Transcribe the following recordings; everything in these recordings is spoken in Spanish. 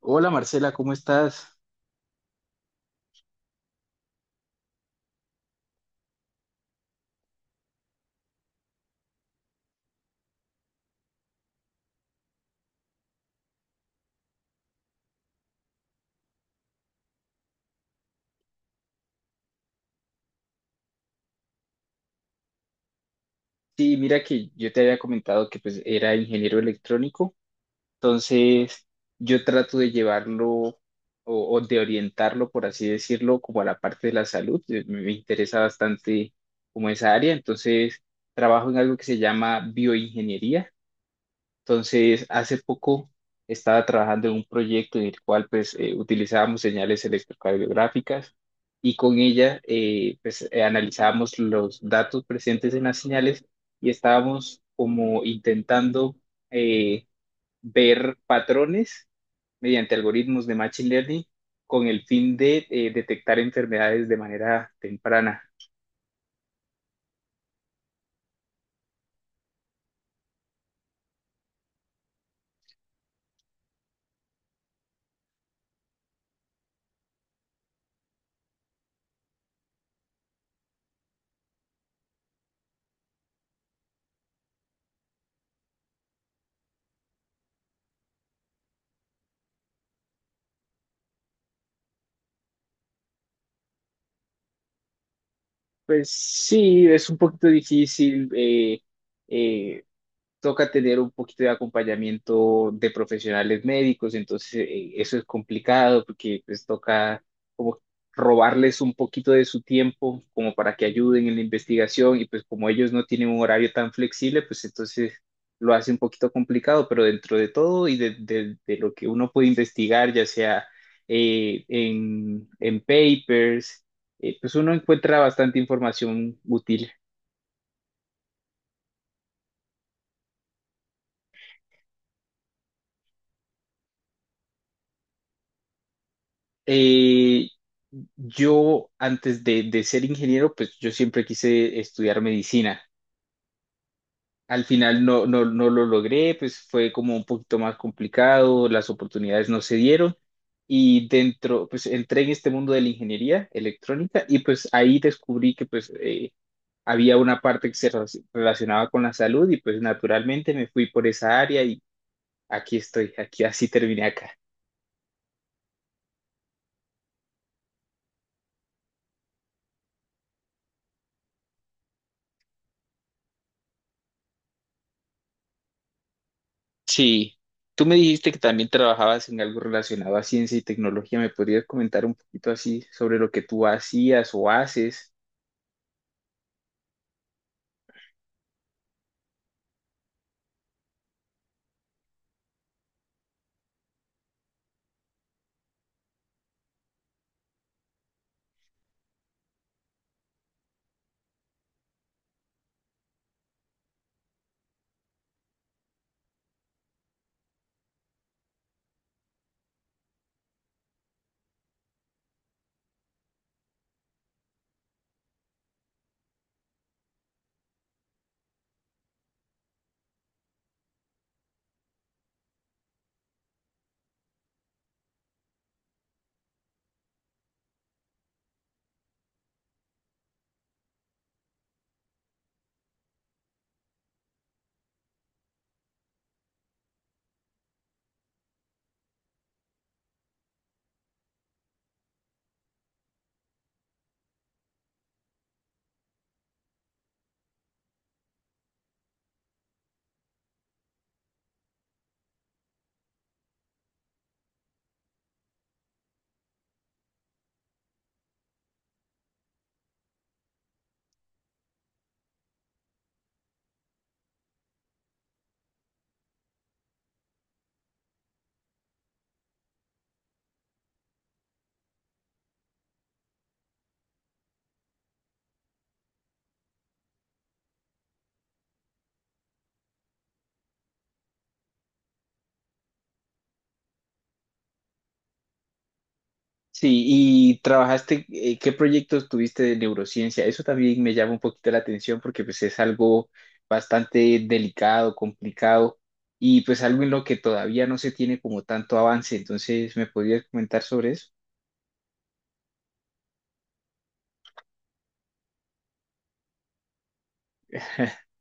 Hola Marcela, ¿cómo estás? Sí, mira que yo te había comentado que pues era ingeniero electrónico, entonces yo trato de llevarlo o de orientarlo, por así decirlo, como a la parte de la salud. Me interesa bastante como esa área, entonces trabajo en algo que se llama bioingeniería. Entonces, hace poco estaba trabajando en un proyecto en el cual pues utilizábamos señales electrocardiográficas y con ella pues analizábamos los datos presentes en las señales y estábamos como intentando eh, ver patrones mediante algoritmos de machine learning con el fin de detectar enfermedades de manera temprana. Pues sí, es un poquito difícil. Eh, Toca tener un poquito de acompañamiento de profesionales médicos, entonces eso es complicado porque pues toca como robarles un poquito de su tiempo como para que ayuden en la investigación y pues como ellos no tienen un horario tan flexible, pues entonces lo hace un poquito complicado, pero dentro de todo y de lo que uno puede investigar, ya sea en papers, pues uno encuentra bastante información útil. Eh, yo antes de ser ingeniero, pues yo siempre quise estudiar medicina. Al final no, no, no lo logré, pues fue como un poquito más complicado, las oportunidades no se dieron y dentro, pues entré en este mundo de la ingeniería electrónica y pues ahí descubrí que pues había una parte que se relacionaba con la salud y pues naturalmente me fui por esa área y aquí estoy, aquí así terminé acá. Sí, tú me dijiste que también trabajabas en algo relacionado a ciencia y tecnología. ¿Me podrías comentar un poquito así sobre lo que tú hacías o haces? Sí, y trabajaste, ¿qué proyectos tuviste de neurociencia? Eso también me llama un poquito la atención porque pues es algo bastante delicado, complicado y pues algo en lo que todavía no se tiene como tanto avance. Entonces, ¿me podrías comentar sobre eso?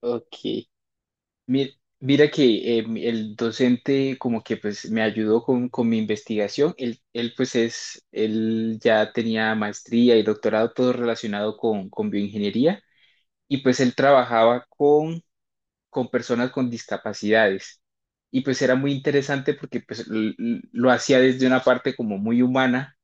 Ok. Mi- Mira que el docente como que pues me ayudó con mi investigación. Él pues es, él ya tenía maestría y doctorado, todo relacionado con bioingeniería y pues él trabajaba con personas con discapacidades. Y pues era muy interesante porque pues lo hacía desde una parte como muy humana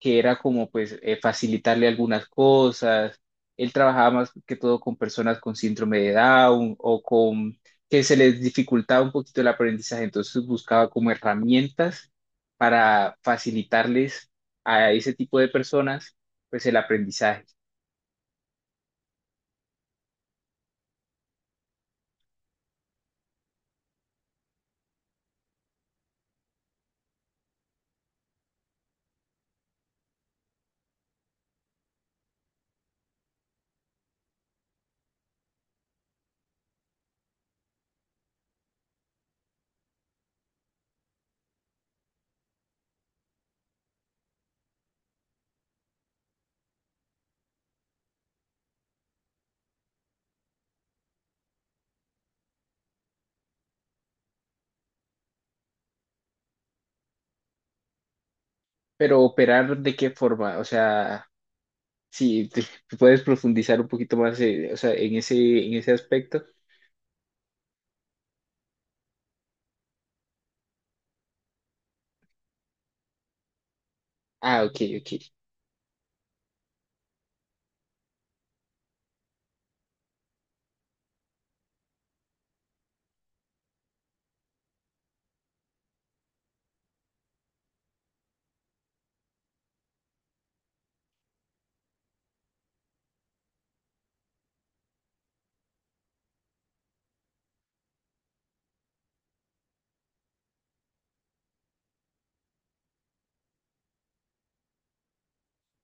que era como pues facilitarle algunas cosas. Él trabajaba más que todo con personas con síndrome de Down o con que se les dificultaba un poquito el aprendizaje, entonces buscaba como herramientas para facilitarles a ese tipo de personas pues el aprendizaje. Pero operar de qué forma, o sea, si te- puedes profundizar un poquito más, o sea, en ese aspecto. Ah, ok, ok.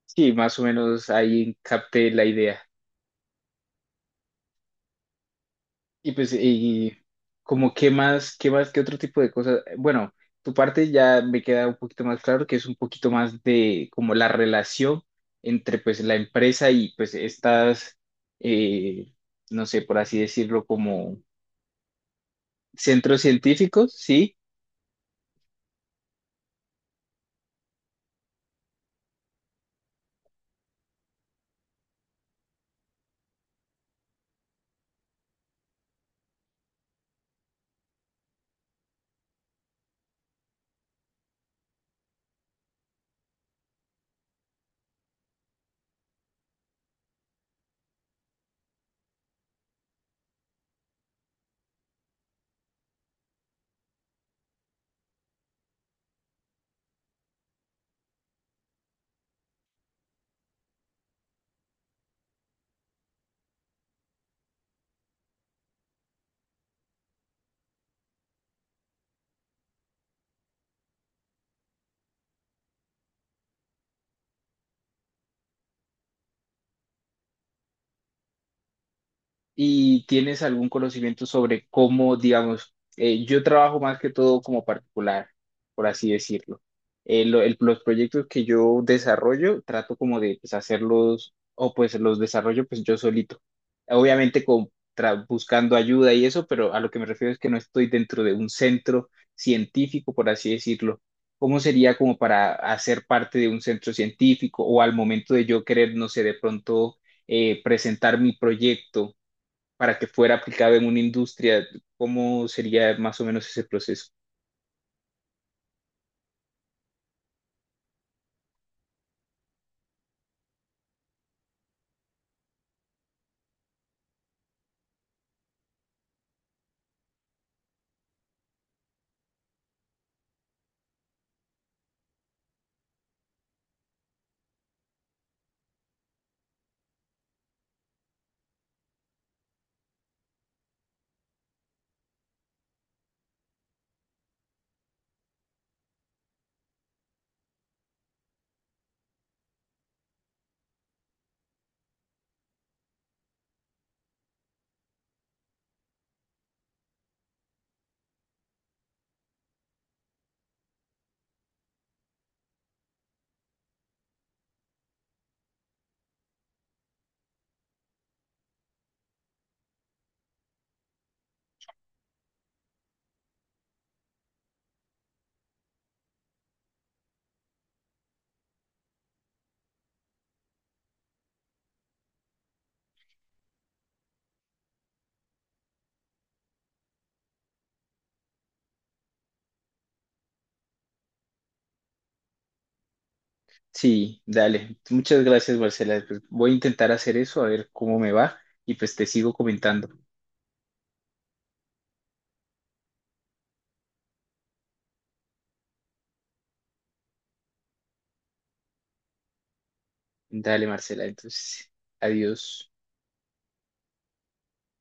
Sí, más o menos ahí capté la idea. Y pues, y como qué más, qué más, qué otro tipo de cosas. Bueno, tu parte ya me queda un poquito más claro, que es un poquito más de como la relación entre pues la empresa y pues estas, eh, no sé, por así decirlo, como centros científicos, ¿sí? ¿Y tienes algún conocimiento sobre cómo, digamos, yo trabajo más que todo como particular, por así decirlo? Los proyectos que yo desarrollo, trato como de pues hacerlos, o pues los desarrollo pues yo solito. Obviamente con, buscando ayuda y eso, pero a lo que me refiero es que no estoy dentro de un centro científico, por así decirlo. ¿Cómo sería como para hacer parte de un centro científico o al momento de yo querer, no sé, de pronto presentar mi proyecto para que fuera aplicado en una industria, cómo sería más o menos ese proceso? Sí, dale. Muchas gracias, Marcela. Pues voy a intentar hacer eso, a ver cómo me va y pues te sigo comentando. Dale, Marcela. Entonces, adiós.